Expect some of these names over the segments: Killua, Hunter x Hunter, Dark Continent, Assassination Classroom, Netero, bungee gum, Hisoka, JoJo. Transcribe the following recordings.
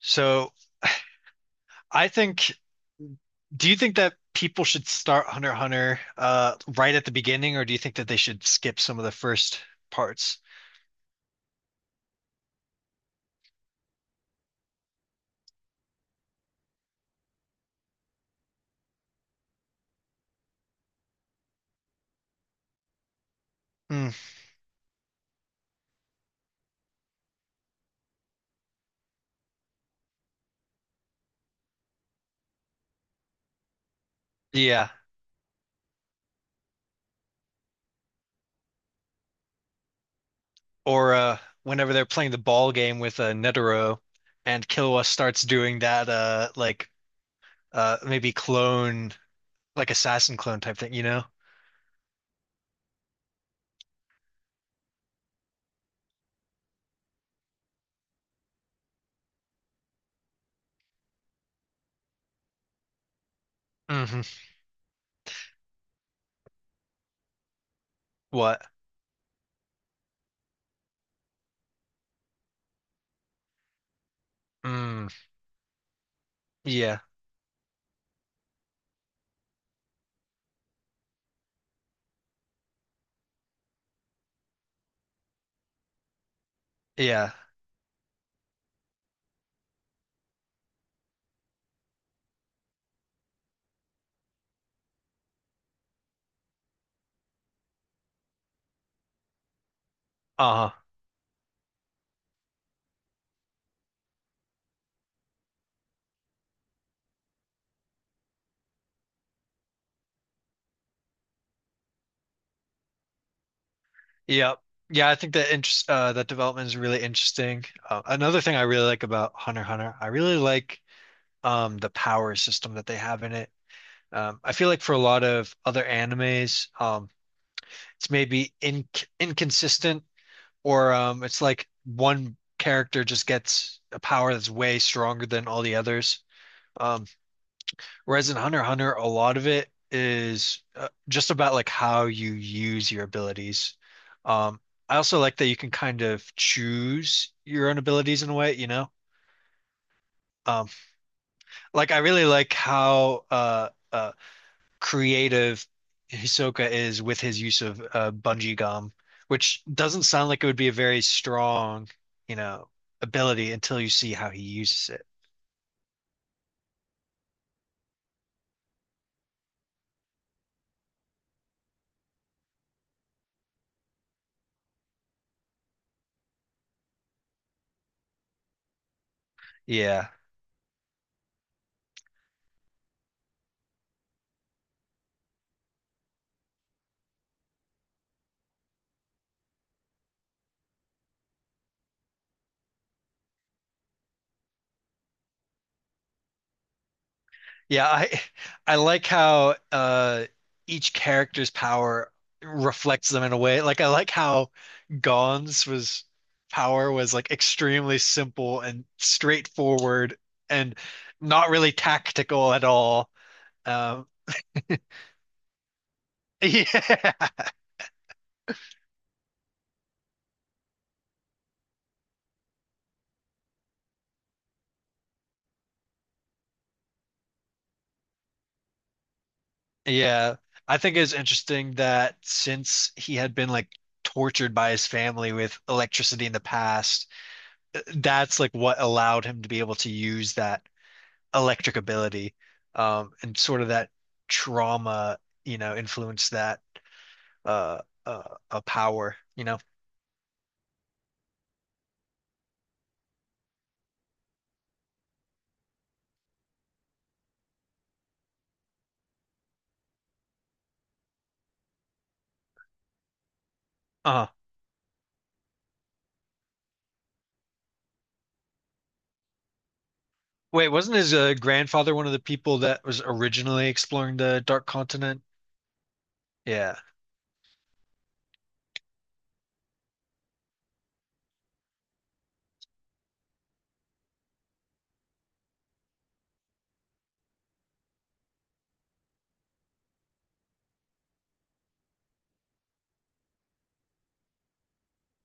So I think, do you think that people should start Hunter x Hunter right at the beginning, or do you think that they should skip some of the first parts? Hmm. Yeah, or whenever they're playing the ball game with Netero, and Killua starts doing that, like maybe clone, like assassin clone type thing, you know? Hmm. What? Mm, yeah, yeah. Uh-huh. Yep. Yeah, I think that interest that development is really interesting. Another thing I really like about Hunter x Hunter, I really like the power system that they have in it. I feel like for a lot of other animes, it's maybe in inconsistent or it's like one character just gets a power that's way stronger than all the others. Um, Whereas in Hunter x Hunter, a lot of it is just about like how you use your abilities. Um, I also like that you can kind of choose your own abilities in a way, you know? Um, like I really like how creative Hisoka is with his use of bungee gum, which doesn't sound like it would be a very strong, you know, ability until you see how he uses it. Yeah. Yeah, I like how each character's power reflects them in a way. Like I like how Gon's was power was like extremely simple and straightforward and not really tactical at all. Um. Yeah. Yeah. I think it's interesting that since he had been like tortured by his family with electricity in the past, that's like what allowed him to be able to use that electric ability, and sort of that trauma, you know, influenced that uh, uh, power, you know. Uh, Wait, wasn't his grandfather one of the people that was originally exploring the Dark Continent? Yeah.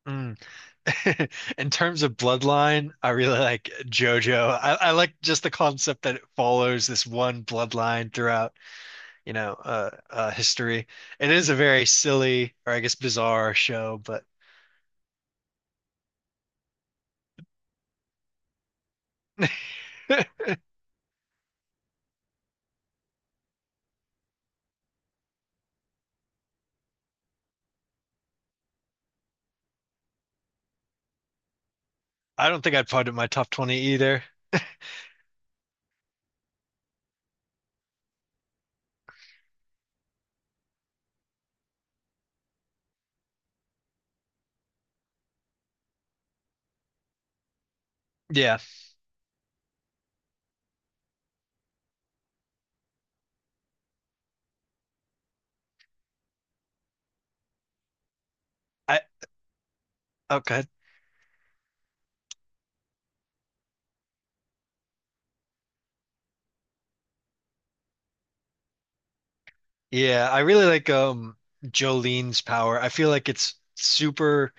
Mm. In terms of bloodline, I really like JoJo. I like just the concept that it follows this one bloodline throughout, you know, history. It is a very silly, or I guess bizarre show, but I don't think I'd put it in my top 20 either. Yeah. I Okay. Yeah, I really like Jolene's power. I feel like it's super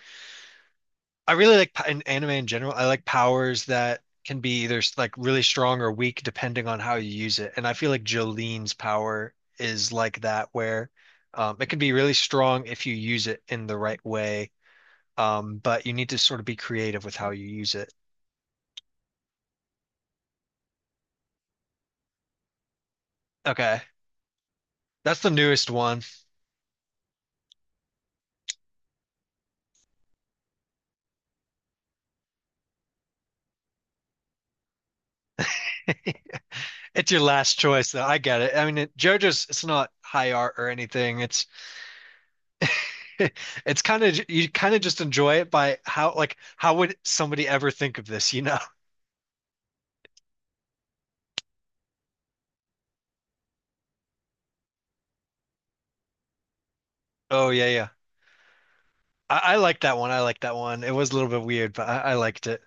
I really like in anime in general. I like powers that can be either like really strong or weak depending on how you use it. And I feel like Jolene's power is like that where it can be really strong if you use it in the right way. But you need to sort of be creative with how you use it. Okay. That's the newest one. It's your last choice though. I get it. I mean, JoJo's it's not high art or anything. It's It's kind of you kind of just enjoy it by how like how would somebody ever think of this, you know? Oh yeah, yeah. I like that one. I like that one. It was a little bit weird, but I liked it.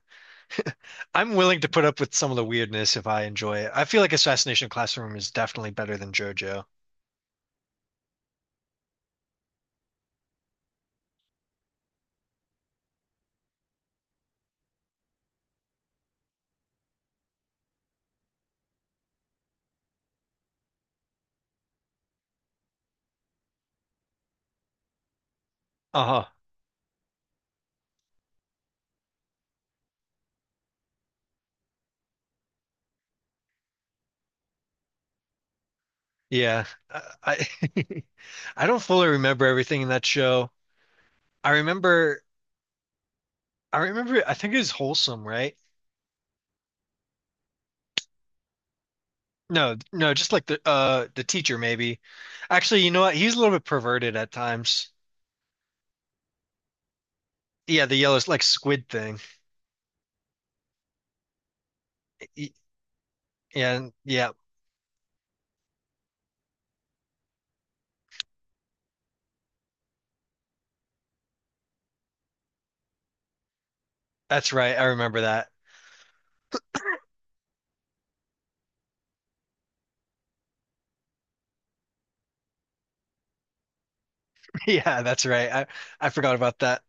I'm willing to put up with some of the weirdness if I enjoy it. I feel like Assassination Classroom is definitely better than JoJo. Uh-huh. Yeah. I, I don't fully remember everything in that show. I remember I remember I think it was Wholesome, right? No, no, just like the teacher maybe. Actually, you know what? He's a little bit perverted at times. Yeah, the yellow like squid thing. Y- Yeah, yeah, that's right. I remember that. Yeah, that's right. I forgot about that.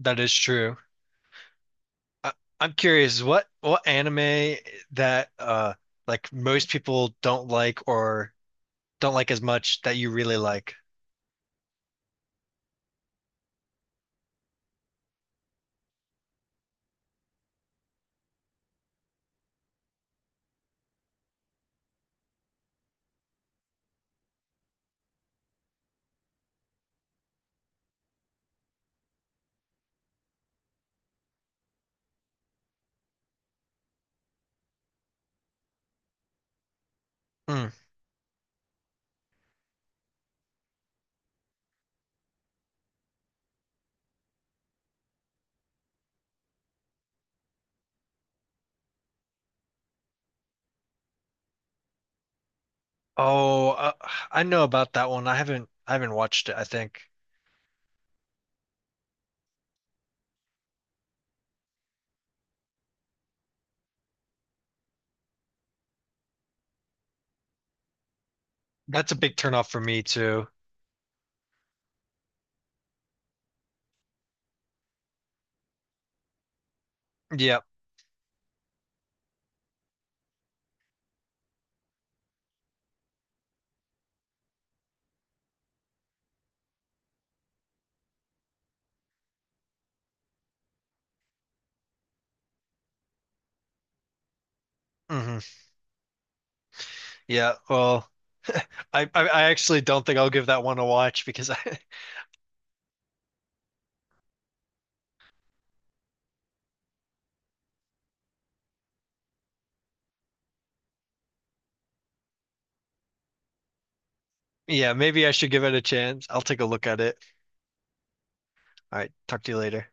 That is true. I, I'm curious, what anime that like most people don't like or don't like as much that you really like? Hmm. Oh, I know about that one. I haven't watched it, I think. That's a big turnoff for me too. Yeah. Hmm. Yeah, well, I actually don't think I'll give that one a watch because I. Yeah, maybe I should give it a chance. I'll take a look at it. All right, talk to you later.